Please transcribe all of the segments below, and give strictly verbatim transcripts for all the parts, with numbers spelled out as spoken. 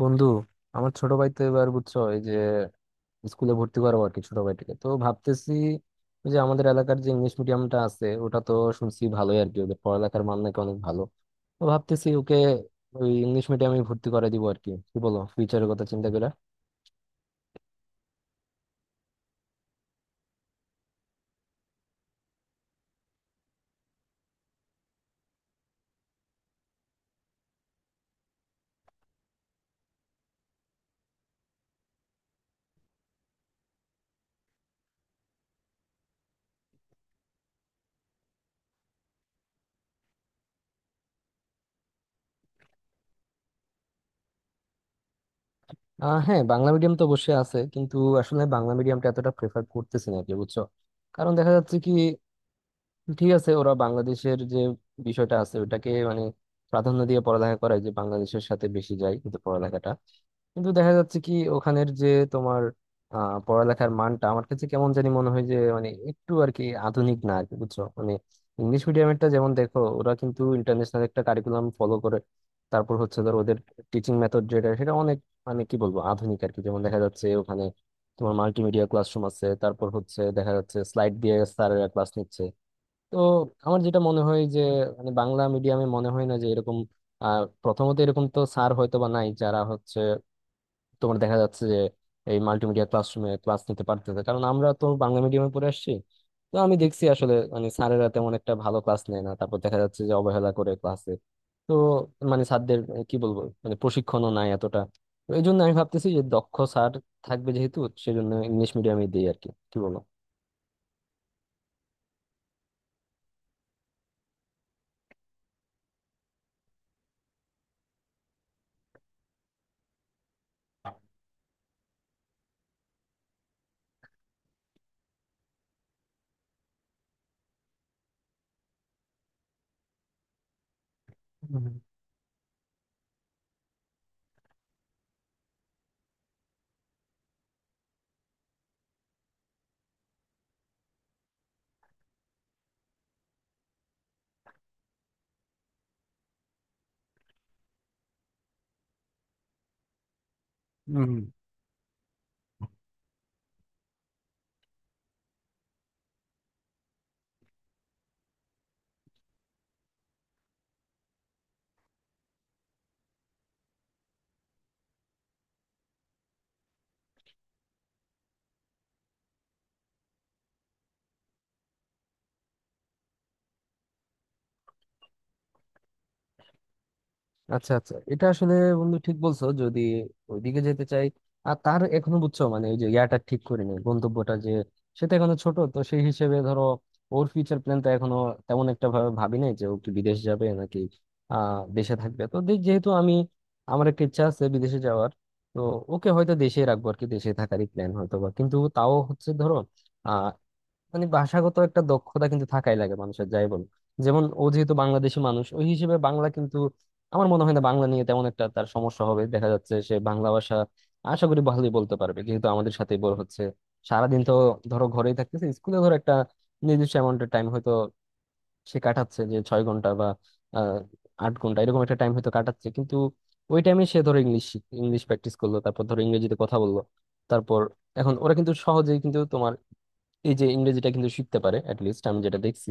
বন্ধু আমার ছোট ভাই তো এবার বুঝছো, এই যে স্কুলে ভর্তি করাবো আর কি ছোট ভাইটাকে। তো ভাবতেছি ওই যে আমাদের এলাকার যে ইংলিশ মিডিয়ামটা আছে ওটা তো শুনছি ভালোই আর কি, ওদের পড়ালেখার মান নাকি অনেক ভালো। তো ভাবতেছি ওকে ওই ইংলিশ মিডিয়ামে ভর্তি করে দিব আর কি, কি বলো, ফিউচারের কথা চিন্তা করে। আহ হ্যাঁ, বাংলা মিডিয়াম তো অবশ্যই আছে কিন্তু আসলে বাংলা মিডিয়ামটা এতটা প্রেফার করতেছি না আর কি, বুঝছো। কারণ দেখা যাচ্ছে কি, ঠিক আছে, ওরা বাংলাদেশের যে বিষয়টা আছে ওটাকে মানে প্রাধান্য দিয়ে পড়ালেখা করায়, যে বাংলাদেশের সাথে বেশি যায় কিন্তু পড়ালেখাটা, কিন্তু দেখা যাচ্ছে কি ওখানের যে তোমার আহ পড়ালেখার মানটা আমার কাছে কেমন জানি মনে হয় যে মানে একটু আর কি আধুনিক না আর কি, বুঝছো মানে। ইংলিশ মিডিয়ামেরটা যেমন দেখো, ওরা কিন্তু ইন্টারন্যাশনাল একটা কারিকুলাম ফলো করে। তারপর হচ্ছে ধর ওদের টিচিং মেথড যেটা, সেটা অনেক মানে কি বলবো আধুনিক আর কি। যেমন দেখা যাচ্ছে ওখানে তোমার মাল্টিমিডিয়া ক্লাসরুম আছে, তারপর হচ্ছে দেখা যাচ্ছে স্লাইড দিয়ে স্যারেরা ক্লাস নিচ্ছে। তো আমার যেটা মনে হয় যে, মানে বাংলা মিডিয়ামে মনে হয় না যে এরকম, আহ প্রথমত এরকম তো স্যার হয়তো বা নাই যারা হচ্ছে তোমার দেখা যাচ্ছে যে এই মাল্টিমিডিয়া ক্লাসরুমে ক্লাস নিতে পারতেছে, কারণ আমরা তো বাংলা মিডিয়ামে পড়ে আসছি। তো আমি দেখছি আসলে, মানে স্যারেরা তেমন একটা ভালো ক্লাস নেয় না, তারপর দেখা যাচ্ছে যে অবহেলা করে ক্লাসে। তো মানে স্যারদের কি বলবো, মানে প্রশিক্ষণও নাই এতটা। তো এই জন্য আমি ভাবতেছি যে দক্ষ স্যার থাকবে যেহেতু, সেজন্য ইংলিশ মিডিয়ামে দিই আর কি, কি বলো। আচ্ছা আচ্ছা, এটা আসলে বন্ধু ঠিক বলছো, যদি ওইদিকে যেতে চাই। আর তার এখনো বুঝছো মানে ওই যে ইয়াটা ঠিক করি নাই গন্তব্যটা, যে সেটা এখনো ছোট, তো সেই হিসেবে ধরো ওর ফিউচার প্ল্যানটা এখনো তেমন একটা ভাবে ভাবি নাই যে ও কি বিদেশ যাবে নাকি আহ দেশে থাকবে। তো দে- যেহেতু আমি, আমার একটা ইচ্ছা আছে বিদেশে যাওয়ার, তো ওকে হয়তো দেশেই রাখবো আর কি, দেশে থাকারই প্ল্যান হয়তো বা। কিন্তু তাও হচ্ছে ধরো মানে ভাষাগত একটা দক্ষতা কিন্তু থাকাই লাগে মানুষের যাই বল। যেমন ও যেহেতু বাংলাদেশি মানুষ, ওই হিসেবে বাংলা কিন্তু আমার মনে হয় না বাংলা নিয়ে তেমন একটা তার সমস্যা হবে, দেখা যাচ্ছে সে বাংলা ভাষা আশা করি ভালোই বলতে পারবে যেহেতু আমাদের সাথে বড় হচ্ছে। সারাদিন তো ধরো ঘরেই থাকতেছে, স্কুলে ধরো একটা নির্দিষ্ট অ্যামাউন্টের টাইম হয়তো সে কাটাচ্ছে, যে ছয় ঘন্টা বা আহ আট ঘন্টা এরকম একটা টাইম হয়তো কাটাচ্ছে। কিন্তু ওই টাইমে সে ধরো ইংলিশ ইংলিশ প্র্যাকটিস করলো, তারপর ধরো ইংরেজিতে কথা বললো। তারপর এখন ওরা কিন্তু সহজেই কিন্তু তোমার এই যে ইংরেজিটা কিন্তু শিখতে পারে অ্যাট লিস্ট, আমি যেটা দেখছি।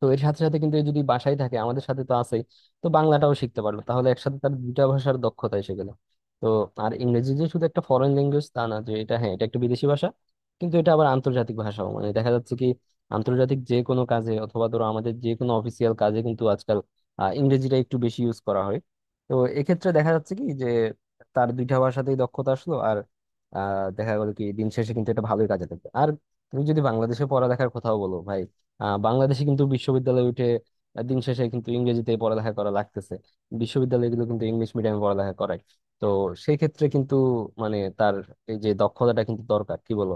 তো এর সাথে সাথে কিন্তু এই যদি বাসায় থাকে, আমাদের সাথে তো আছেই, তো বাংলাটাও শিখতে পারলো, তাহলে একসাথে তার দুইটা ভাষার দক্ষতা এসে গেল। তো আর ইংরেজি যে শুধু একটা ফরেন ল্যাঙ্গুয়েজ তা না, যে এটা হ্যাঁ এটা একটা বিদেশি ভাষা কিন্তু এটা আবার আন্তর্জাতিক ভাষাও। মানে দেখা যাচ্ছে কি আন্তর্জাতিক যে কোনো কাজে অথবা ধরো আমাদের যে কোনো অফিসিয়াল কাজে কিন্তু আজকাল আহ, ইংরেজিটা একটু বেশি ইউজ করা হয়। তো এক্ষেত্রে দেখা যাচ্ছে কি যে তার দুইটা ভাষাতেই দক্ষতা আসলো, আর আহ, দেখা গেল কি দিন শেষে কিন্তু এটা ভালোই কাজে দেবে। আর তুমি যদি বাংলাদেশে পড়ালেখার কথাও বলো ভাই, আহ বাংলাদেশে কিন্তু বিশ্ববিদ্যালয়ে উঠে আহ, দিন শেষে কিন্তু ইংরেজিতে পড়ালেখা করা লাগতেছে। বিশ্ববিদ্যালয়গুলো কিন্তু ইংলিশ মিডিয়ামে পড়ালেখা করায়। তো সেই ক্ষেত্রে কিন্তু মানে তার এই যে দক্ষতাটা কিন্তু দরকার, কি বলো।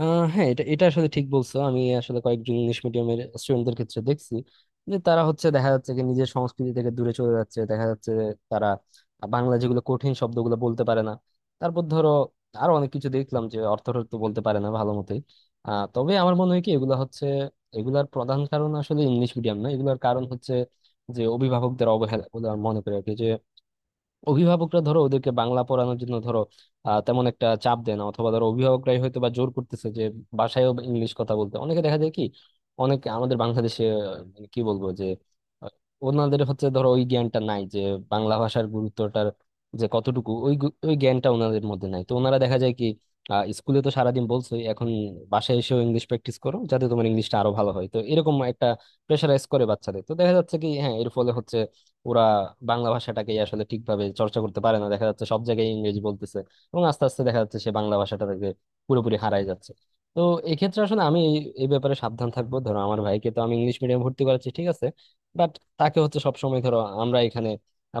আহ হ্যাঁ, এটা এটা আসলে ঠিক বলছো। আমি আসলে কয়েকজন ইংলিশ মিডিয়ামের স্টুডেন্টদের ক্ষেত্রে দেখছি যে তারা হচ্ছে দেখা যাচ্ছে যে নিজের সংস্কৃতি থেকে দূরে চলে যাচ্ছে, দেখা যাচ্ছে যে তারা বাংলা যেগুলো কঠিন শব্দগুলো বলতে পারে না। তারপর ধরো আরো অনেক কিছু দেখলাম যে অর্থ তো বলতে পারে না ভালো মতোই। আহ তবে আমার মনে হয় কি এগুলো হচ্ছে, এগুলার প্রধান কারণ আসলে ইংলিশ মিডিয়াম না, এগুলোর কারণ হচ্ছে যে অভিভাবকদের অবহেলা বলে আমার মনে করি আর কি। যে অভিভাবকরা ধরো ওদেরকে বাংলা পড়ানোর জন্য ধরো আহ, তেমন একটা চাপ দেয় না, অথবা ধরো অভিভাবকরাই হয়তো বা জোর করতেছে যে বাসায়ও ইংলিশ কথা বলতে। অনেকে দেখা যায় কি অনেকে আমাদের বাংলাদেশে আহ, মানে কি বলবো যে আহ, ওনাদের হচ্ছে ধরো ওই জ্ঞানটা নাই যে বাংলা ভাষার গুরুত্বটার যে কতটুকু, ওই গু- ওই জ্ঞানটা ওনাদের মধ্যে নাই, তো ওনারা দেখা যায় কি আহ, স্কুলে তো সারাদিন বলছোই, এখন বাসায় এসেও ইংলিশ প্র্যাকটিস করো যাতে তোমার ইংলিশটা আরো ভালো হয়। তো এরকম একটা প্রেশারাইজ করে বাচ্চাদের, তো দেখা যাচ্ছে কি হ্যাঁ এর ফলে হচ্ছে ওরা বাংলা ভাষাটাকে আসলে ঠিকভাবে চর্চা করতে পারে না, দেখা যাচ্ছে সব জায়গায় ইংরেজি বলতেছে। এবং আস্তে আস্তে দেখা যাচ্ছে সে বাংলা ভাষাটাকে পুরোপুরি হারায় যাচ্ছে। তো এক্ষেত্রে আসলে আমি এই এই ব্যাপারে সাবধান থাকবো। ধরো আমার ভাইকে তো আমি ইংলিশ মিডিয়াম ভর্তি করাচ্ছি ঠিক আছে, বাট তাকে হচ্ছে সবসময় ধরো আমরা এখানে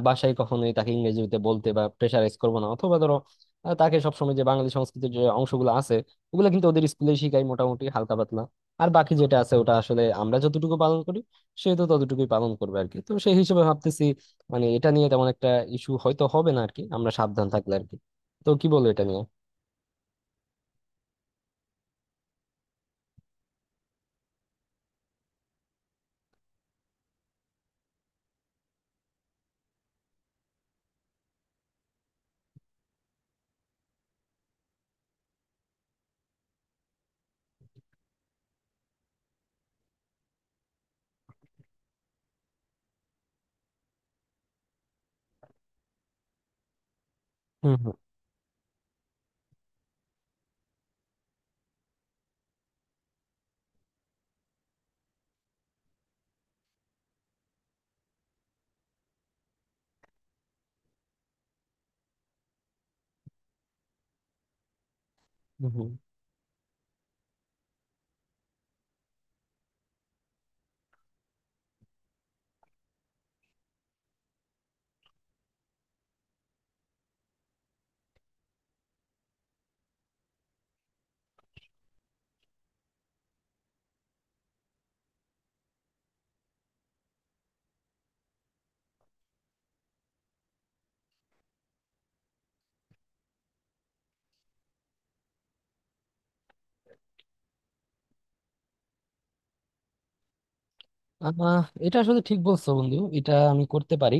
বাসায় কখনোই তাকে ইংরেজিতে বলতে বা প্রেশারাইজ করবো না। অথবা ধরো আহ, তাকে সবসময় যে বাঙালি সংস্কৃতির যে অংশগুলো আছে, ওগুলো কিন্তু ওদের স্কুলে শিখাই মোটামুটি হালকা পাতলা। আর বাকি যেটা আছে ওটা আসলে আমরা যতটুকু পালন করি সে তো ততটুকুই পালন করবে আর কি। তো সেই হিসেবে ভাবতেছি মানে এটা নিয়ে তেমন একটা ইস্যু হয়তো হবে না আর কি, আমরা সাবধান থাকলে আর কি। তো কি বলো এটা নিয়ে। হুম হুম। হুম হুম। আহ এটা আসলে ঠিক বলছো বন্ধু, এটা আমি করতে পারি।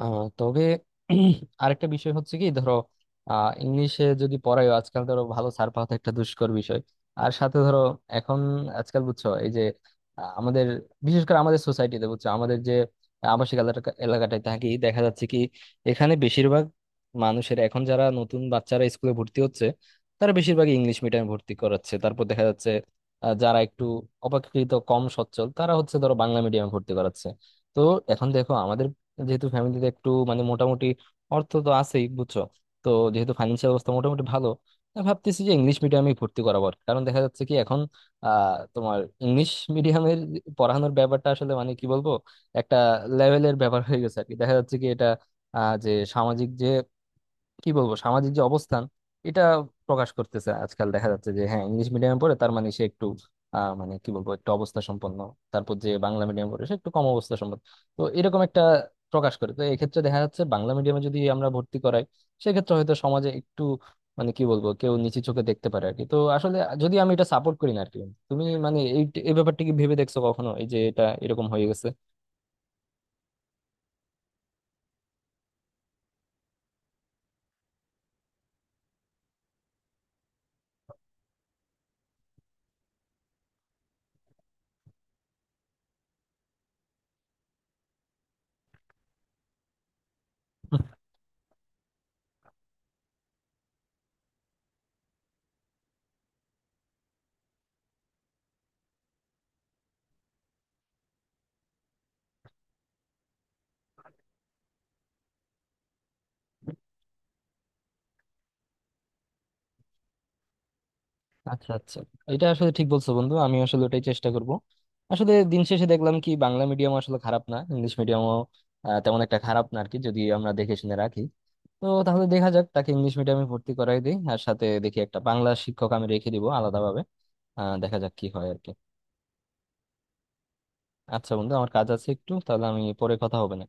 আহ, তবে আরেকটা বিষয় হচ্ছে কি ধরো আহ, ইংলিশে যদি পড়ায় আজকাল, ধরো ভালো ছাড় পাওয়া তো একটা দুষ্কর বিষয়। আর সাথে ধরো এখন আজকাল বুঝছো এই যে আহ, আমাদের বিশেষ করে আমাদের সোসাইটিতে, বুঝছো আমাদের যে আবাসিক এলাকা এলাকাটায় থাকি, দেখা যাচ্ছে কি এখানে বেশিরভাগ মানুষের, এখন যারা নতুন বাচ্চারা স্কুলে ভর্তি হচ্ছে তারা বেশিরভাগ ইংলিশ মিডিয়ামে ভর্তি করাচ্ছে। তারপর দেখা যাচ্ছে আহ, যারা একটু অপেক্ষাকৃত কম সচ্ছল তারা হচ্ছে ধরো বাংলা মিডিয়ামে ভর্তি করাচ্ছে। তো এখন দেখো আমাদের যেহেতু ফ্যামিলিতে একটু মানে মোটামুটি অর্থ তো আছেই বুঝছো, তো যেহেতু ফাইন্যান্সিয়াল অবস্থা মোটামুটি ভালো, আমি ভাবতেছি যে ইংলিশ মিডিয়ামে ভর্তি করাবো আর কি। কারণ দেখা যাচ্ছে কি এখন আহ তোমার ইংলিশ মিডিয়ামের পড়ানোর ব্যাপারটা আসলে মানে কি বলবো একটা লেভেলের ব্যাপার হয়ে গেছে আর কি। দেখা যাচ্ছে কি এটা আহ যে সামাজিক যে কি বলবো সামাজিক যে অবস্থান এটা প্রকাশ করতেছে আজকাল। দেখা যাচ্ছে যে হ্যাঁ ইংলিশ মিডিয়ামে পড়ে তার মানে সে একটু আহ, মানে কি বলবো একটু অবস্থা সম্পন্ন, তারপর যে বাংলা মিডিয়ামে পড়ে সে একটু কম অবস্থা সম্পন্ন। তো এরকম একটা প্রকাশ করে, তো এক্ষেত্রে দেখা যাচ্ছে বাংলা মিডিয়ামে যদি আমরা ভর্তি করাই সেক্ষেত্রে হয়তো সমাজে একটু মানে কি বলবো কেউ নিচু চোখে দেখতে পারে আর কি। তো আসলে যদি আমি এটা সাপোর্ট করি না আর কি, তুমি মানে এই এই ব্যাপারটা কি ভেবে দেখছো কখনো এই যে এটা এরকম হয়ে গেছে? আচ্ছা আচ্ছা, এটা আসলে ঠিক বলছো বন্ধু, আমি আসলে ওটাই চেষ্টা করব। আসলে দিন শেষে দেখলাম কি বাংলা মিডিয়াম আসলে খারাপ না, ইংলিশ মিডিয়ামও তেমন একটা খারাপ না আর কি, যদি আমরা দেখে শুনে রাখি। তো তাহলে দেখা যাক, তাকে ইংলিশ মিডিয়ামে ভর্তি করাই দিই, আর সাথে দেখি একটা বাংলা শিক্ষক আমি রেখে দিব আলাদাভাবে। আহ দেখা যাক কি হয় আর কি। আচ্ছা বন্ধু, আমার কাজ আছে একটু, তাহলে আমি পরে কথা হবে না।